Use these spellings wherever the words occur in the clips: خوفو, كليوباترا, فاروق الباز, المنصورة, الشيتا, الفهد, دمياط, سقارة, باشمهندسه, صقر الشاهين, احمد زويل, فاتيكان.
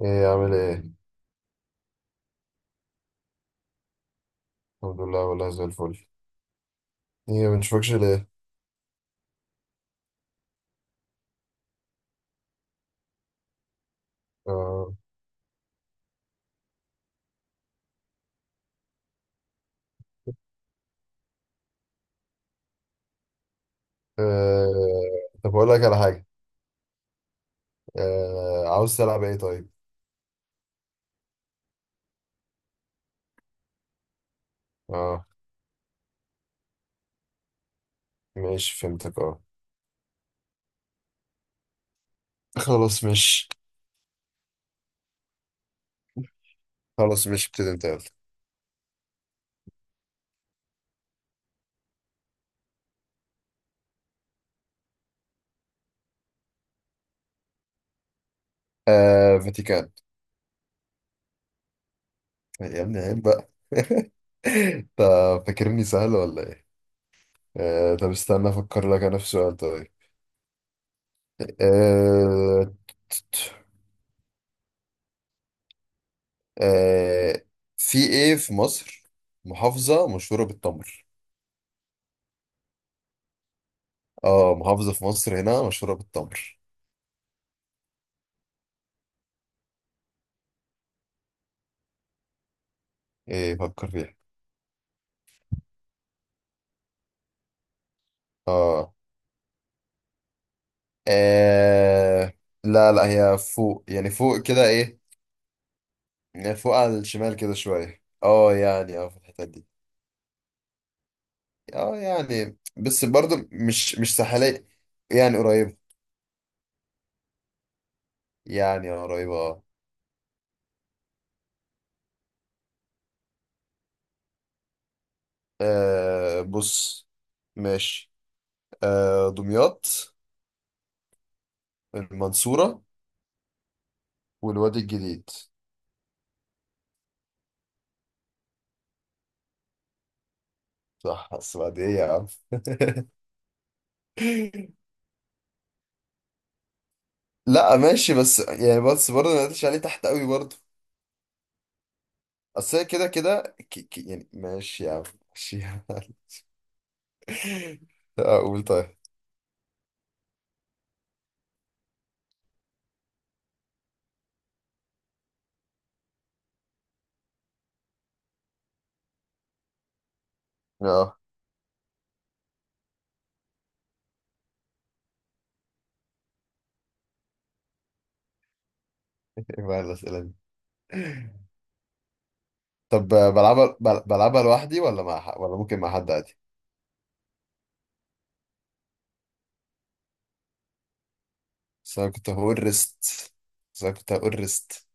ايه؟ عامل ايه؟ الحمد لله والله، زي الفل. ايه ما بنشوفكش ليه؟ آه. آه. طب اقول لك على حاجه. آه. عاوز تلعب ايه طيب؟ اه ماشي، فهمتك، اه. خلاص مش خلاص مش، ابتدي انت يلا. آه. فاتيكان. يا ابني عيب بقى طب فاكرني سهل ولا ايه؟ آه. طب استنى افكر لك انا في سؤال طيب. آه. آه. في ايه في مصر محافظه مشهوره بالتمر؟ اه، محافظة في مصر هنا مشهورة بالتمر. ايه، فكر فيها. اه. آه، لا لا، هي فوق، يعني فوق كده، ايه. يعني فوق على الشمال كده شوية، اه يعني، اه في الحتة دي. اه يعني، بس برضو مش ساحلية. يعني قريبة. يعني اه، قريبة اه. بص. ماشي. دمياط، المنصورة، والوادي الجديد. صح بس بعد ايه يا عم؟ لا ماشي، بس يعني، بس برضه ما قلتش عليه تحت قوي برضه. اصل هي كده كده، يعني ماشي يا عم. ماشي يا عم اقول طيب. اه. ايه بقى الاسئله دي؟ طب بلعبها، بلعبها لوحدي ولا مع ولا ممكن مع حد عادي؟ بس انا كنت هقول ريست بس انا كنت هقول ريست.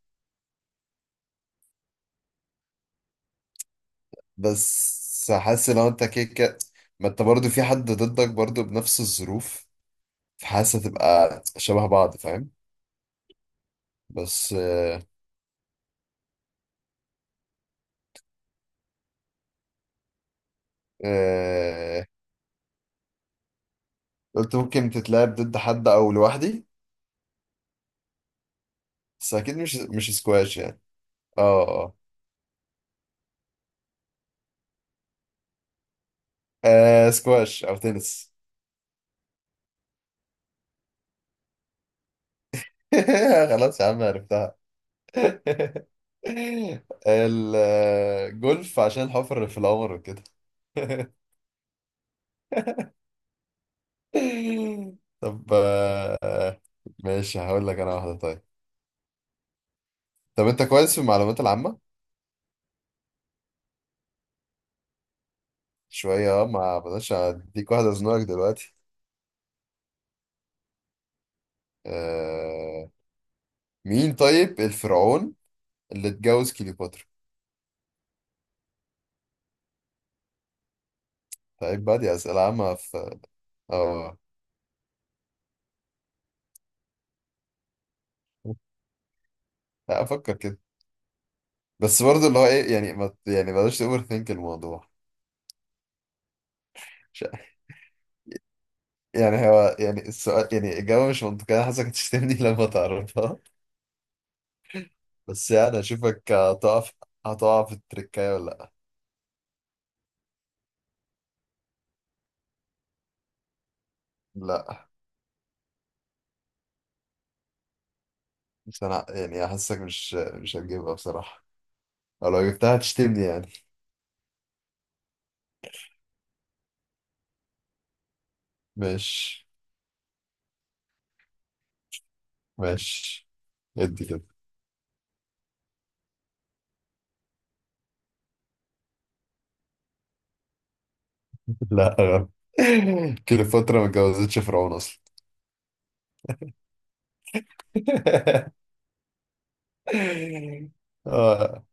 بس حاسس لو انت كده كده، ما انت برضه في حد ضدك برضه بنفس الظروف، فحاسس هتبقى شبه بعض، فاهم؟ بس. آه، قلت ممكن تتلعب ضد حد او لوحدي. بس اكيد مش سكواش يعني. اه، اه. سكواش او تنس. خلاص يا عم، عرفتها. الجولف عشان الحفر في القمر وكده. طب ماشي، هقول لك انا واحده طيب. طب انت كويس في المعلومات العامه؟ شويه اه. ما بلاش اديك واحده ازنقك دلوقتي. آه، مين طيب الفرعون اللي اتجوز كليوباترا؟ طيب بقى دي أسئلة عامة في. اه. لا أفكر كده. بس برضه اللي هو إيه، يعني ما ت- يعني بلاش تأوفر ثينك الموضوع. مش- يعني هو، يعني السؤال، يعني الإجابة مش منطقية. أنا حاسسك هتشتمني لما تعرفها. بس يعني أشوفك هتقع في التركاية ولا. لأ، لأ. بس أنا يعني حاسسك مش هتجيبها بصراحة، أو لو جبتها هتشتمني يعني. ماشي. ماشي. ادي كده. لا غلط. كليوباترا ما اتجوزتش فرعون أصلا. اه،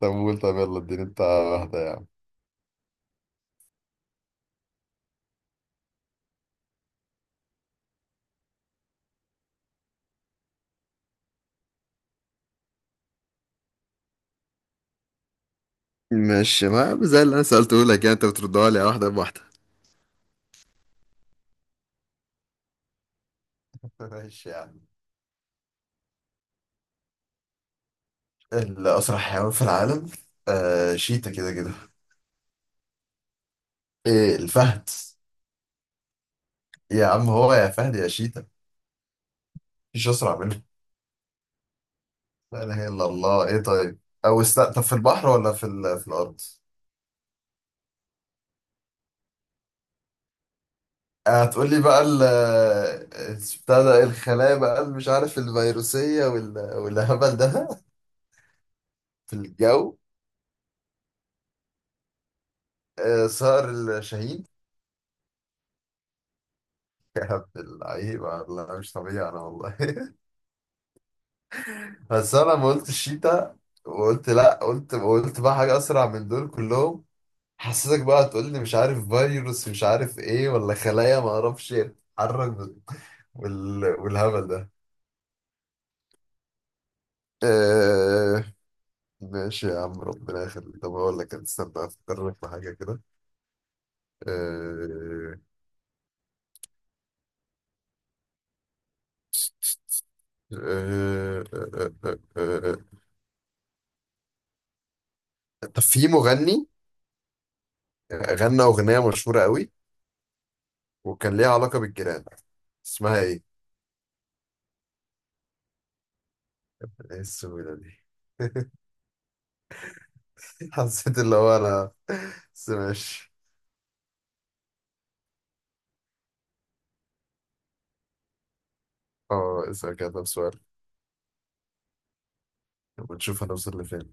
طب قول، طب يلا اديني انت واحدة يا عم. ماشي، ما زي اللي انا سألته لك يعني، انت بتردها لي على واحدة بواحدة. ماشي يا عم. الأسرع حيوان في العالم. شيتا كده كده. ايه، الفهد. يا عم هو يا فهد يا شيتا، مفيش أسرع منه. لا إله إلا الله، ايه طيب؟ أو طب في البحر ولا في الأرض؟ هتقول لي بقى ال آه، بتاع ده، الخلايا بقى اللي مش عارف، الفيروسية والهبل ده. في الجو. صقر، الشاهين. اللعيبة، لا مش طبيعي أنا والله بس أنا لما قلت الشيتا وقلت لأ، قلت بقى حاجة أسرع من دول كلهم. حسيتك بقى تقول لي مش عارف فيروس، مش عارف إيه، ولا خلايا ما أعرفش إيه، تتحرك بال- والهبل ده. آه... ماشي يا عم، ربنا يخليك. طب أقول لك، استنى أفكر لك في حاجة كده. آه... آه... آه... آه... آه... آه. طب في مغني غنى أغنية مشهورة قوي، وكان ليها علاقة بالجيران، اسمها ايه؟ ايه السهولة دي؟ حسيت اللي هو انا، بس ماشي. اه، اسأل كده طب سؤال، ونشوف هنوصل لفين.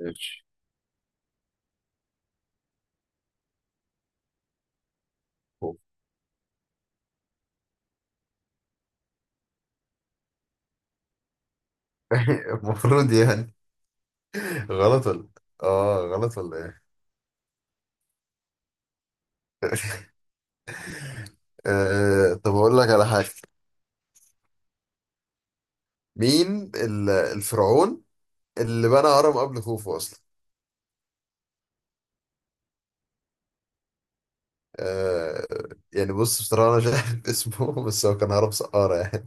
ماشي. المفروض يعني. غلط ولا، اه غلط ولا ايه؟ طب اقول لك على حاجة. مين الفرعون اللي بنى هرم قبل خوفو اصلا؟ آه. يعني بص، بصراحة أنا مش عارف اسمه، بس هو كان هرم سقارة يعني.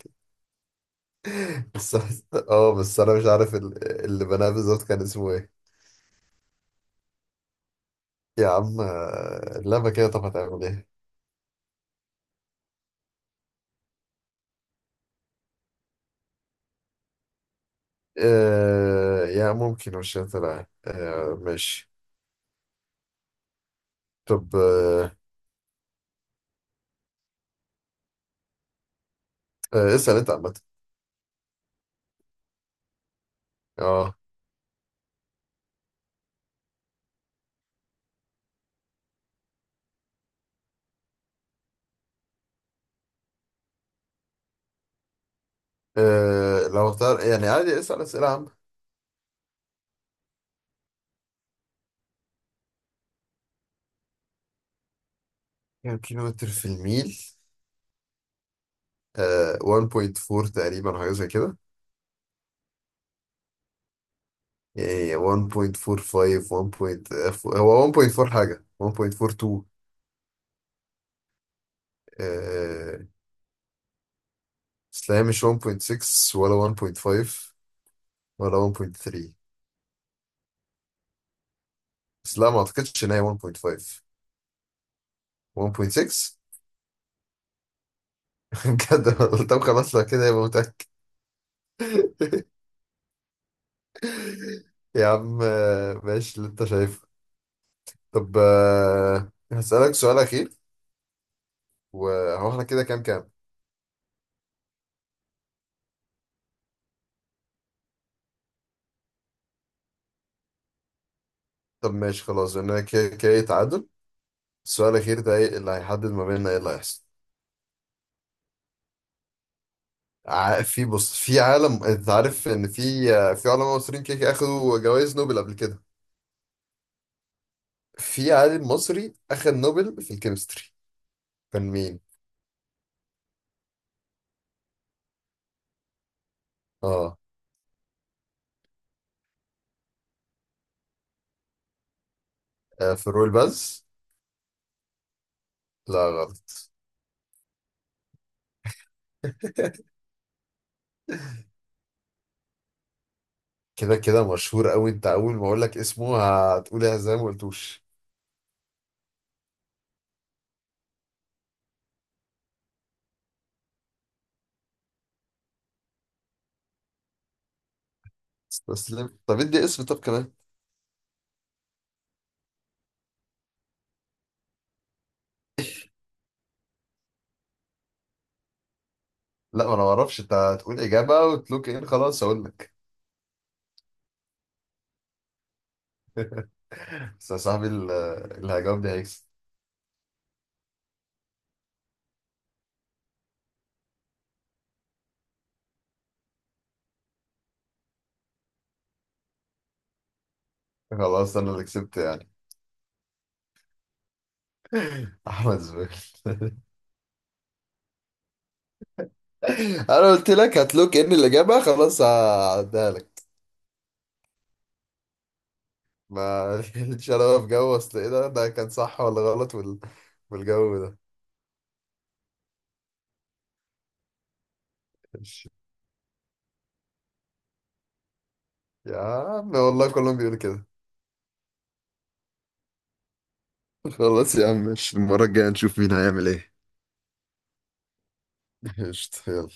بس اه، بس أنا مش عارف اللي بناه بالظبط كان اسمه إيه. يا عم اللعبة كده، طب هتعمل ايه؟ يا ممكن مش هتلعب، آه ماشي. طب آه، اسأل انت عامة. اه. لو اختار يعني عادي، اسأل اسئلة عامة. كام كيلو متر في الميل؟ 1.4 تقريبا حاجة زي كده. يعني 1.45، 1.4، هو 1.4 حاجة 1.42. آه بس لا هي مش 1.6 ولا 1.5 ولا 1.3. بس لا ما اعتقدش ان هي 1.5. 1.6. بجد والله. طب خلاص لو كده يبقى متأكد. يا عم ماشي، اللي انت شايفه. طب هسألك سؤال أخير. وهو احنا كده، كام كام؟ طب ماشي خلاص، انا كده كده تعادل. السؤال الأخير ده، ايه اللي هيحدد ما بيننا، ايه اللي هيحصل. ع- في بص، في عالم، انت عارف ان في في علماء مصريين كده كده اخدوا جوائز نوبل قبل كده. في عالم مصري اخد نوبل في الكيمستري، كان مين؟ اه. فاروق الباز. لا غلط. كده كده مشهور قوي، انت اول ما اقول لك اسمه هتقول ايه زي ما قلتوش. استسلم، طب ادي اسم طب كمان. لا ما انا ما اعرفش، انت هتقول اجابه وتلوك ان خلاص اقول لك. بس يا صاحبي اللي هيجاوب ده هيكسب. خلاص انا اللي كسبت يعني. احمد زويل انا قلت لك هتلوك ان الاجابه، خلاص هعديها لك. ما ليش انا في جو، اصل ايه ده كان صح ولا غلط والجو ده. ماشي. يا عم والله كلهم بيقولوا كده. خلاص يا عم ماشي، المرة الجاية نشوف مين هيعمل ايه. قشطة، يلا.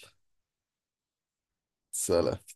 سلام.